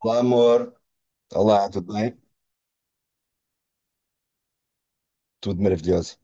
Olá, amor. Olá, tudo bem? Tudo maravilhoso.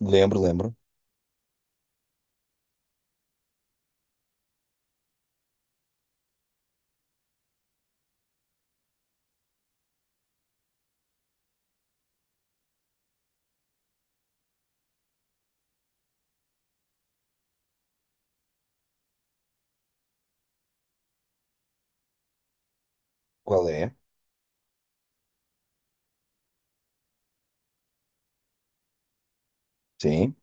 Lembro, lembro. Qual é? Sim.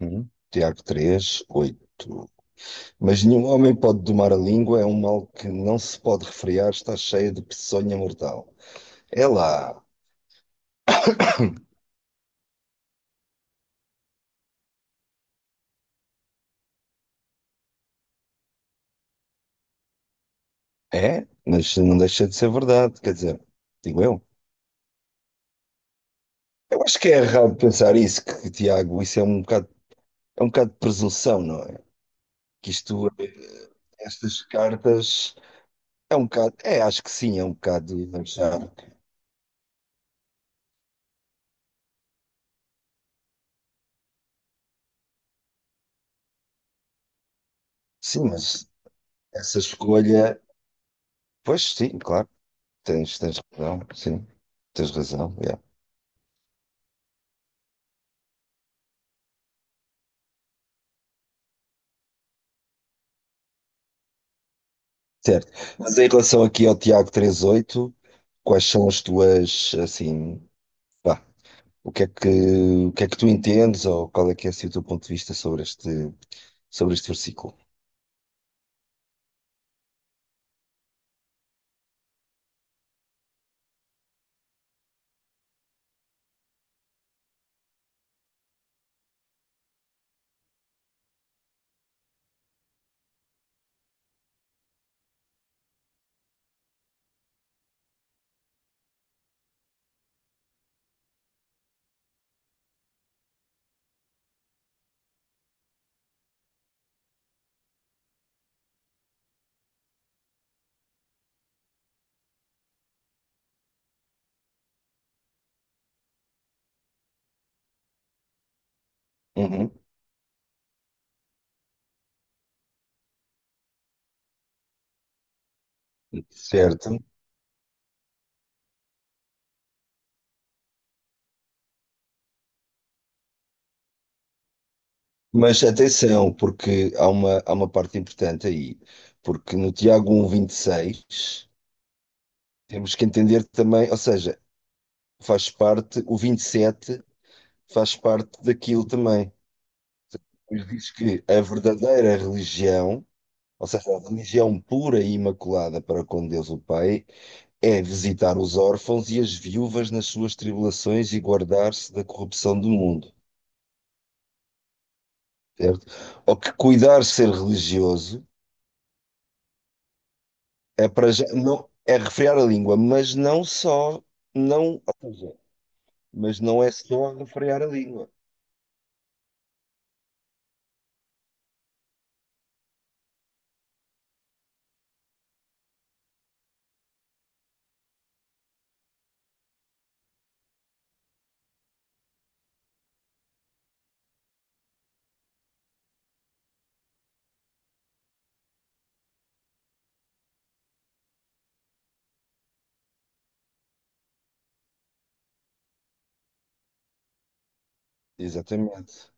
Hum. Tiago três oito. Mas nenhum homem pode domar a língua, é um mal que não se pode refrear, está cheia de peçonha mortal. É lá. É? Mas não deixa de ser verdade, quer dizer, digo eu. Eu acho que é errado pensar isso, que, Tiago, isso é um bocado de presunção, não é? Que isto, estas cartas, é um bocado, é, acho que sim, é um bocado de achar. Sim, mas essa escolha, pois sim, claro, tens razão, sim, tens razão, yeah. Certo. Mas em relação aqui ao Tiago 38, quais são as tuas, assim, pá, o que é que, o que é que tu entendes ou qual é que é assim, o teu ponto de vista sobre este versículo? Uhum. Certo. Mas atenção, porque há uma parte importante aí, porque no Tiago um 1, seis temos que entender também, ou seja, faz parte o 27, faz parte daquilo também. Pois diz que a verdadeira religião, ou seja, a religião pura e imaculada para com Deus o Pai, é visitar os órfãos e as viúvas nas suas tribulações e guardar-se da corrupção do mundo, certo? Ou que cuidar ser religioso é para já, não, é refrear a língua, mas não só, não, ou seja, mas não é só refrear a língua. Exatamente.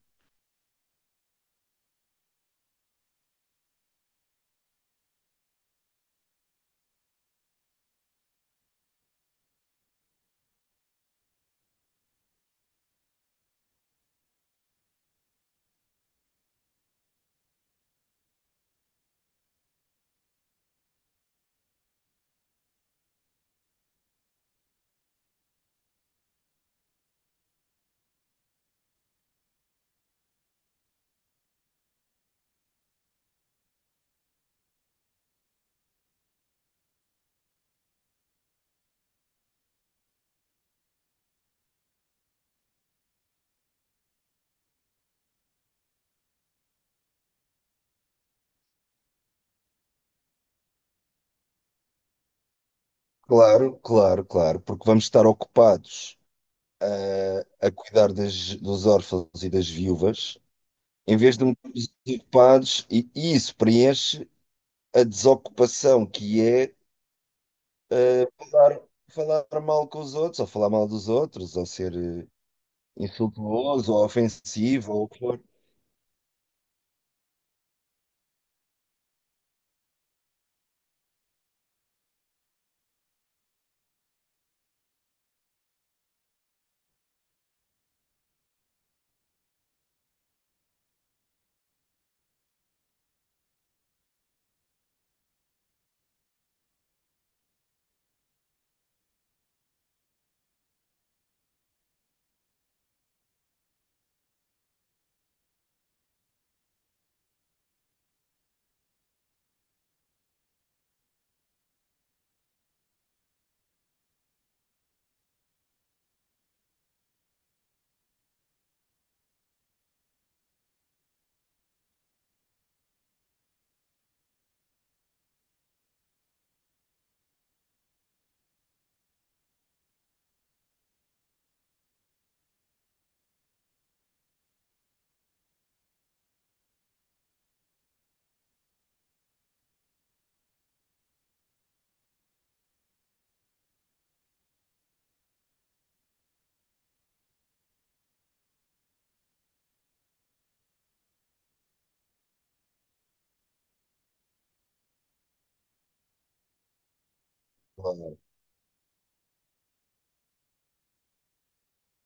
Claro, claro, claro, porque vamos estar ocupados a cuidar das, dos órfãos e das viúvas, em vez de metermos ocupados, e, isso preenche a desocupação, que é falar, falar mal com os outros, ou falar mal dos outros, ou ser insultuoso, ou ofensivo, ou o que for.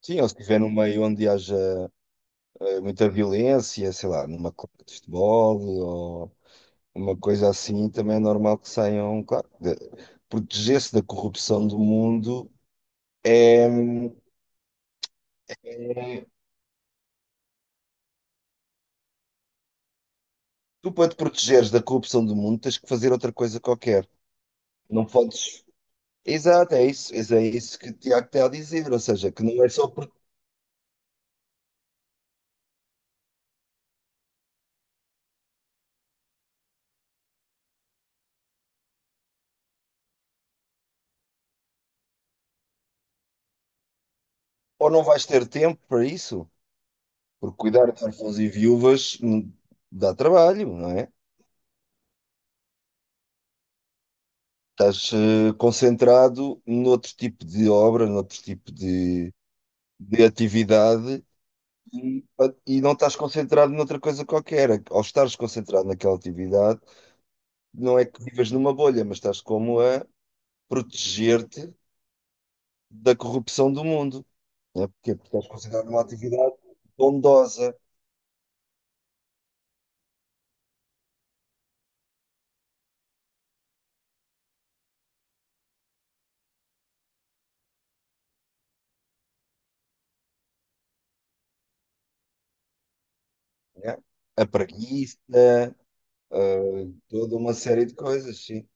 Sim, ou se estiver num meio onde haja muita violência, sei lá, numa clube de futebol, ou uma coisa assim, também é normal que saiam, claro, proteger-se da corrupção do mundo é. Tu, para te protegeres da corrupção do mundo, tens que fazer outra coisa qualquer. Não podes. Exato, é isso, é isso que o Tiago está a dizer. Ou seja, que não é só porque. Ou não vais ter tempo para isso, porque cuidar de órfãos e viúvas dá trabalho, não é? Estás concentrado noutro tipo de obra, noutro tipo de atividade e, e não estás concentrado noutra coisa qualquer. Ao estares concentrado naquela atividade, não é que vives numa bolha, mas estás como a proteger-te da corrupção do mundo. Né? Porquê? Porque eles consideram uma atividade bondosa, né? A preguiça, toda uma série de coisas, sim.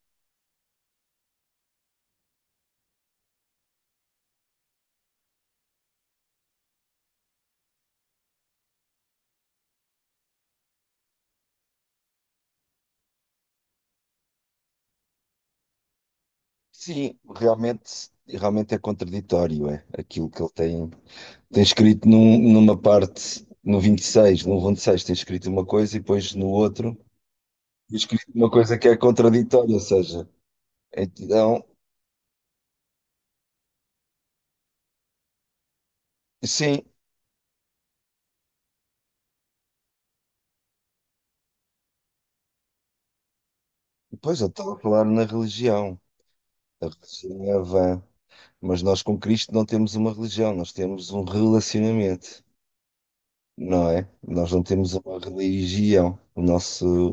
Sim, realmente é contraditório, é aquilo que ele tem escrito numa parte, no 26, no 26 tem escrito uma coisa e depois no outro tem escrito uma coisa que é contraditória, ou seja, então, sim, depois eu estava a falar na religião, a religião é vã, mas nós com Cristo não temos uma religião, nós temos um relacionamento, não é? Nós não temos uma religião. O nosso,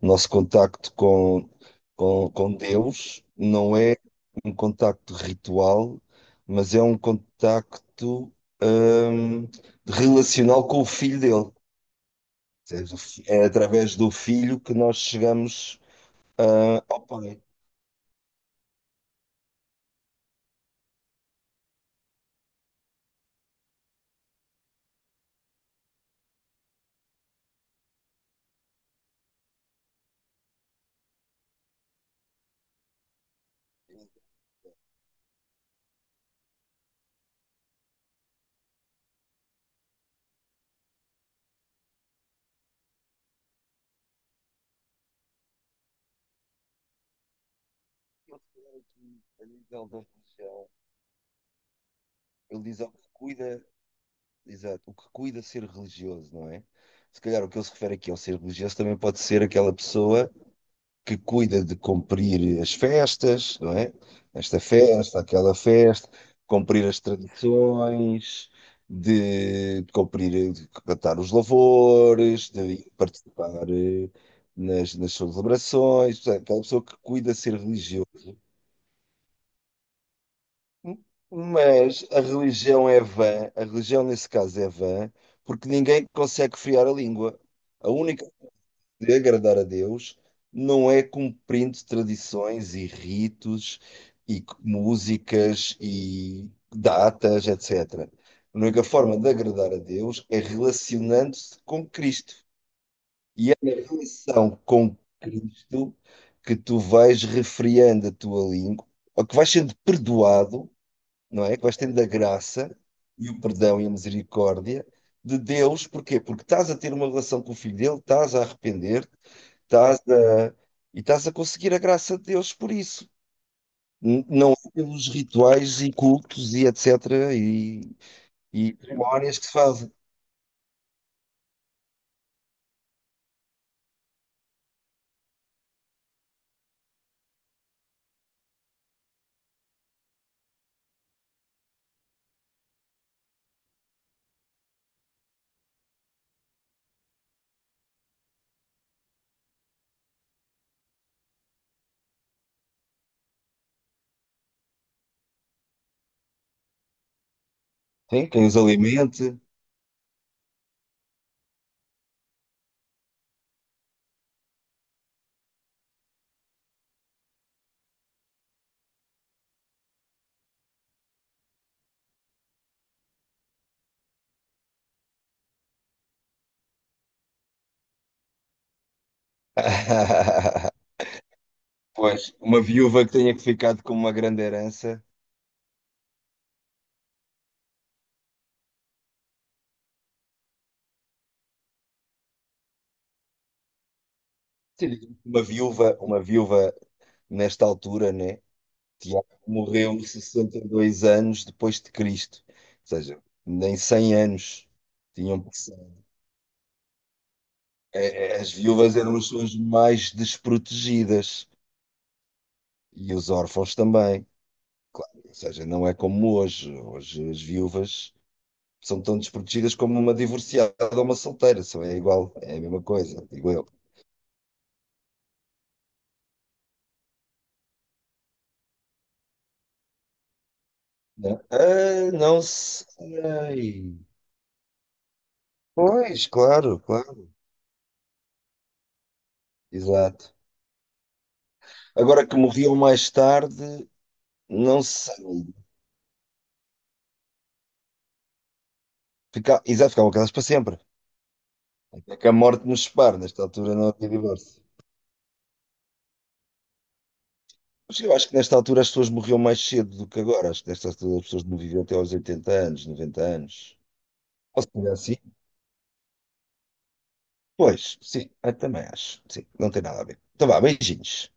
o nosso contacto com Deus não é um contacto ritual, mas é um contacto, hum, relacional com o filho dele. Ou seja, é através do filho que nós chegamos, ao Pai. Eu, a nível da religião, ele diz ao que cuida. Exato, o que cuida ser religioso, não é? Se calhar o que ele se refere aqui ao ser religioso também pode ser aquela pessoa que cuida de cumprir as festas, não é? Esta festa, aquela festa, cumprir as tradições, de cumprir, de cantar os louvores, de participar nas celebrações. Portanto, aquela pessoa que cuida ser religioso, mas a religião é vã, a religião nesse caso é vã, porque ninguém consegue friar a língua. A única de agradar a Deus não é cumprindo tradições e ritos e músicas e datas, etc. A única forma de agradar a Deus é relacionando-se com Cristo. E é na relação com Cristo que tu vais refriando a tua língua, ou que vais sendo perdoado, não é? Que vais tendo a graça e o perdão e a misericórdia de Deus, porquê? Porque estás a ter uma relação com o filho dele, estás a arrepender-te, estás a... e estás a conseguir a graça de Deus por isso. Não é pelos rituais e cultos e etc. e, e cerimónias que se fazem. Sim, quem os alimente. Pois, uma viúva que tenha ficado com uma grande herança. Sim. Uma viúva nesta altura, né? Tiago morreu 62 anos depois de Cristo, ou seja, nem 100 anos tinham passado. É, é, as viúvas eram as pessoas mais desprotegidas e os órfãos também, claro, ou seja, não é como hoje. Hoje as viúvas são tão desprotegidas como uma divorciada ou uma solteira, só é igual, é a mesma coisa, digo eu. Né? Ah, não sei. Pois, claro, claro, exato. Agora que morriam mais tarde, não sei. Fica, exato, ficavam casados para sempre. Até que a morte nos separe. Nesta altura não havia divórcio. Mas eu acho que nesta altura as pessoas morriam mais cedo do que agora. Acho que nesta altura as pessoas não viviam até aos 80 anos, 90 anos. Ou se calhar sim. Pois, sim, eu também acho. Sim, não tem nada a ver. Então vá, beijinhos.